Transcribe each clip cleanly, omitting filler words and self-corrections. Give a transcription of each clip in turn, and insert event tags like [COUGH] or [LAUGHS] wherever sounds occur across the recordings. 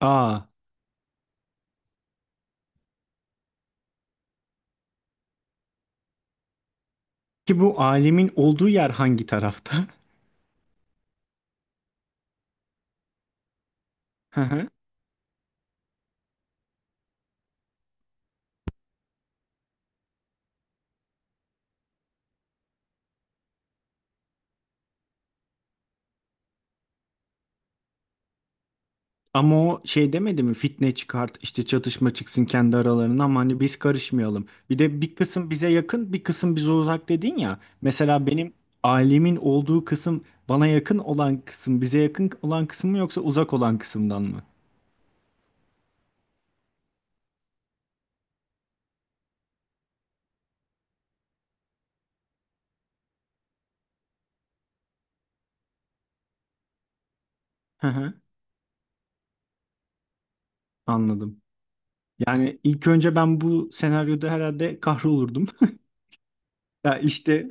Aa, ki bu alemin olduğu yer hangi tarafta? [LAUGHS] Hı hı. Ama o şey demedi mi? Fitne çıkart, işte çatışma çıksın kendi aralarına ama hani biz karışmayalım. Bir de bir kısım bize yakın, bir kısım bize uzak dedin ya. Mesela benim alemin olduğu kısım bana yakın olan kısım, bize yakın olan kısım mı yoksa uzak olan kısımdan mı? Hı hı, anladım. Yani ilk önce ben bu senaryoda herhalde kahrolurdum. [LAUGHS] Ya işte,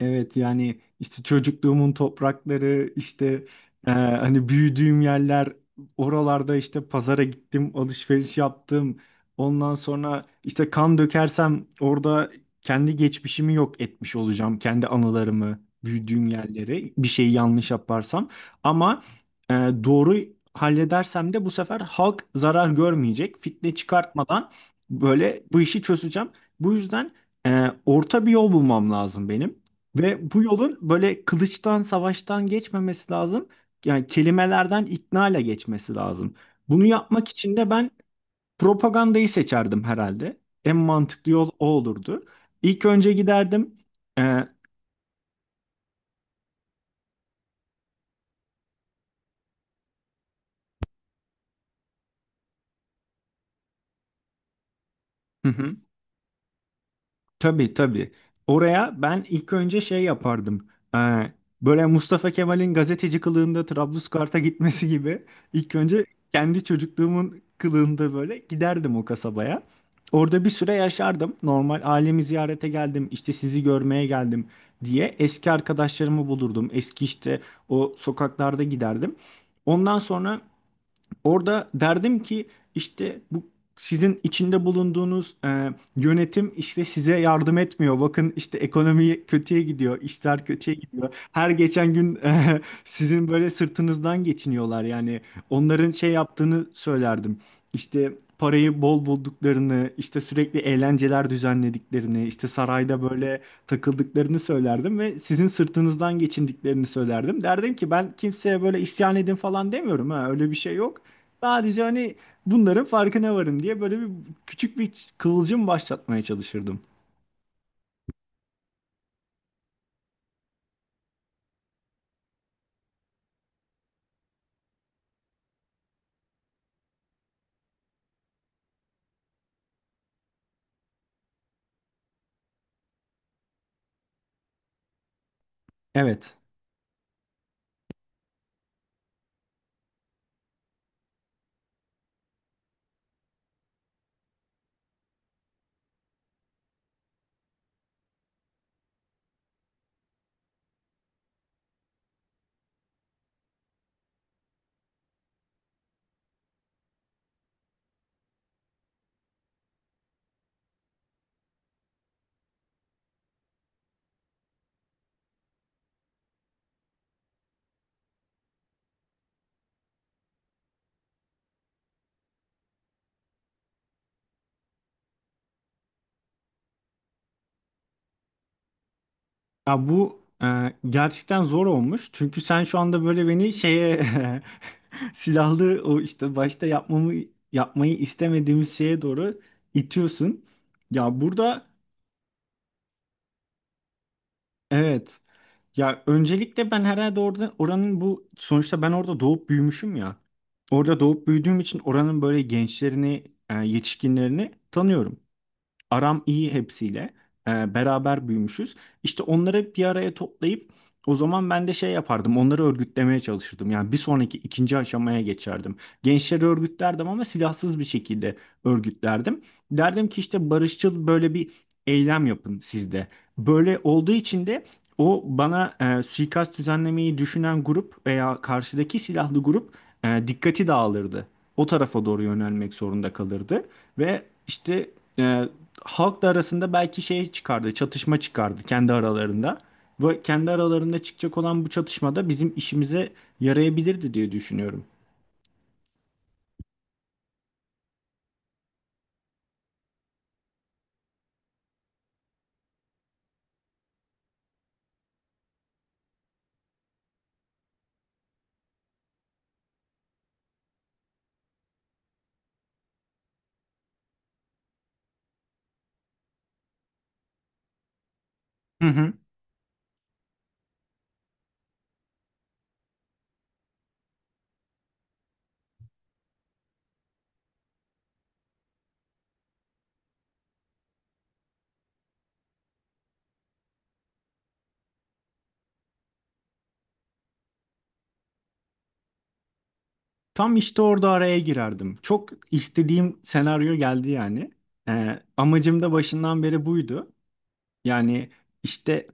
evet yani işte çocukluğumun toprakları işte hani büyüdüğüm yerler, oralarda işte pazara gittim, alışveriş yaptım. Ondan sonra işte kan dökersem orada kendi geçmişimi yok etmiş olacağım. Kendi anılarımı, büyüdüğüm yerleri, bir şeyi yanlış yaparsam. Ama doğru halledersem de bu sefer halk zarar görmeyecek. Fitne çıkartmadan böyle bu işi çözeceğim. Bu yüzden orta bir yol bulmam lazım benim. Ve bu yolun böyle kılıçtan, savaştan geçmemesi lazım. Yani kelimelerden, ikna ile geçmesi lazım. Bunu yapmak için de ben propagandayı seçerdim herhalde. En mantıklı yol o olurdu. İlk önce giderdim. E, [LAUGHS] Tabii, tabii. Oraya ben ilk önce şey yapardım. Ee, böyle Mustafa Kemal'in gazeteci kılığında Trablusgarp'a gitmesi gibi ilk önce kendi çocukluğumun kılığında böyle giderdim o kasabaya. Orada bir süre yaşardım. Normal ailemi ziyarete geldim, işte sizi görmeye geldim diye eski arkadaşlarımı bulurdum. Eski işte o sokaklarda giderdim. Ondan sonra orada derdim ki işte bu sizin içinde bulunduğunuz yönetim işte size yardım etmiyor. Bakın işte ekonomi kötüye gidiyor, işler kötüye gidiyor. Her geçen gün [LAUGHS] sizin böyle sırtınızdan geçiniyorlar. Yani onların şey yaptığını söylerdim. İşte parayı bol bulduklarını, işte sürekli eğlenceler düzenlediklerini, işte sarayda böyle takıldıklarını söylerdim ve sizin sırtınızdan geçindiklerini söylerdim. Derdim ki ben kimseye böyle isyan edin falan demiyorum, ha öyle bir şey yok. Sadece hani bunların farkına varın diye böyle bir küçük bir kıvılcım başlatmaya çalışırdım. Evet. Ya bu gerçekten zor olmuş. Çünkü sen şu anda böyle beni şeye [LAUGHS] silahlı, o işte başta yapmayı istemediğimiz şeye doğru itiyorsun. Ya burada, evet. Ya öncelikle ben herhalde orada oranın bu sonuçta ben orada doğup büyümüşüm ya. Orada doğup büyüdüğüm için oranın böyle gençlerini, yetişkinlerini tanıyorum. Aram iyi hepsiyle. Beraber büyümüşüz. İşte onları bir araya toplayıp o zaman ben de şey yapardım. Onları örgütlemeye çalışırdım. Yani bir sonraki ikinci aşamaya geçerdim. Gençleri örgütlerdim ama silahsız bir şekilde örgütlerdim. Derdim ki işte barışçıl böyle bir eylem yapın sizde. Böyle olduğu için de o bana suikast düzenlemeyi düşünen grup veya karşıdaki silahlı grup, dikkati dağılırdı. O tarafa doğru yönelmek zorunda kalırdı ve işte e, halk da arasında belki şey çıkardı, çatışma çıkardı kendi aralarında. Ve kendi aralarında çıkacak olan bu çatışmada bizim işimize yarayabilirdi diye düşünüyorum. Hı hı. Tam işte orada araya girerdim. Çok istediğim senaryo geldi yani. Amacım da başından beri buydu. Yani işte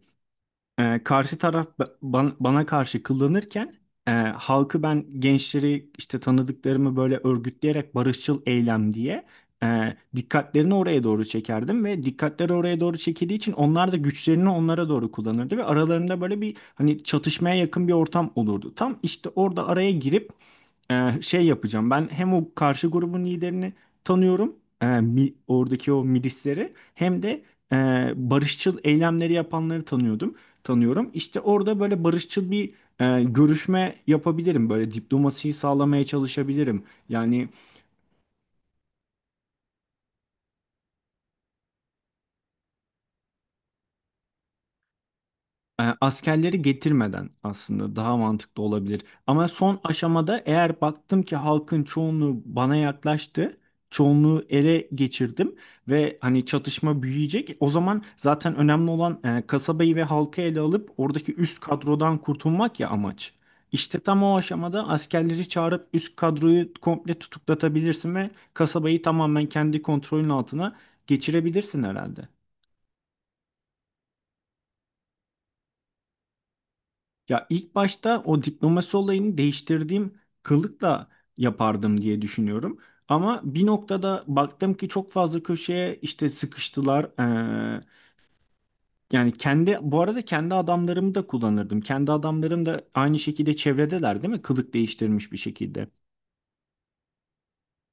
Karşı taraf bana karşı kullanırken, halkı ben gençleri işte tanıdıklarımı böyle örgütleyerek barışçıl eylem diye dikkatlerini oraya doğru çekerdim ve dikkatleri oraya doğru çekildiği için onlar da güçlerini onlara doğru kullanırdı ve aralarında böyle bir hani çatışmaya yakın bir ortam olurdu. Tam işte orada araya girip şey yapacağım. Ben hem o karşı grubun liderini tanıyorum, oradaki o milisleri hem de e, barışçıl eylemleri yapanları tanıyorum. İşte orada böyle barışçıl bir görüşme yapabilirim. Böyle diplomasiyi sağlamaya çalışabilirim. Yani E, askerleri getirmeden aslında daha mantıklı olabilir. Ama son aşamada eğer baktım ki halkın çoğunluğu bana yaklaştı, çoğunluğu ele geçirdim ve hani çatışma büyüyecek. O zaman zaten önemli olan kasabayı ve halkı ele alıp oradaki üst kadrodan kurtulmak, ya amaç. İşte tam o aşamada askerleri çağırıp üst kadroyu komple tutuklatabilirsin ve kasabayı tamamen kendi kontrolün altına geçirebilirsin herhalde. Ya ilk başta o diplomasi olayını değiştirdiğim kılıkla yapardım diye düşünüyorum. Ama bir noktada baktım ki çok fazla köşeye işte sıkıştılar. Yani kendi bu arada kendi adamlarımı da kullanırdım. Kendi adamlarım da aynı şekilde çevredeler değil mi? Kılık değiştirmiş bir şekilde.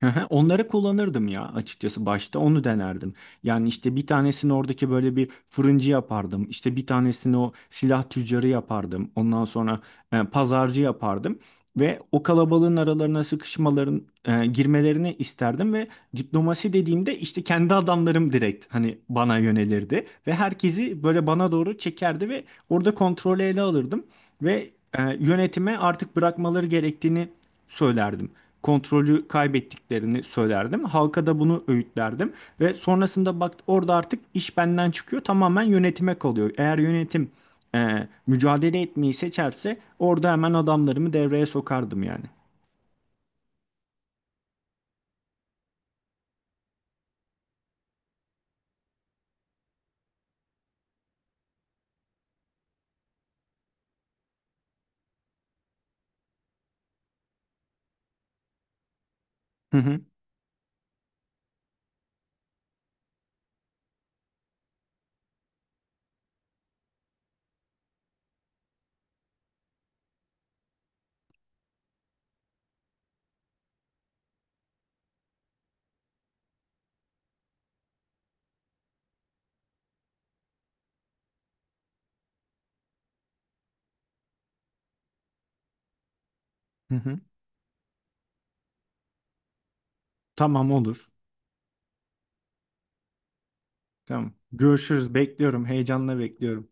Hı hı, onları kullanırdım ya, açıkçası başta onu denerdim. Yani işte bir tanesini oradaki böyle bir fırıncı yapardım. İşte bir tanesini o silah tüccarı yapardım. Ondan sonra pazarcı yapardım. Ve o kalabalığın aralarına sıkışmaların, girmelerini isterdim ve diplomasi dediğimde işte kendi adamlarım direkt hani bana yönelirdi. Ve herkesi böyle bana doğru çekerdi ve orada kontrolü ele alırdım. Ve yönetime artık bırakmaları gerektiğini söylerdim, kontrolü kaybettiklerini söylerdim. Halka da bunu öğütlerdim ve sonrasında bak orada artık iş benden çıkıyor, tamamen yönetime kalıyor. Eğer yönetim mücadele etmeyi seçerse orada hemen adamlarımı devreye sokardım yani. Hı hı. Hı hı. Tamam, olur. Tamam. Görüşürüz. Bekliyorum. Heyecanla bekliyorum.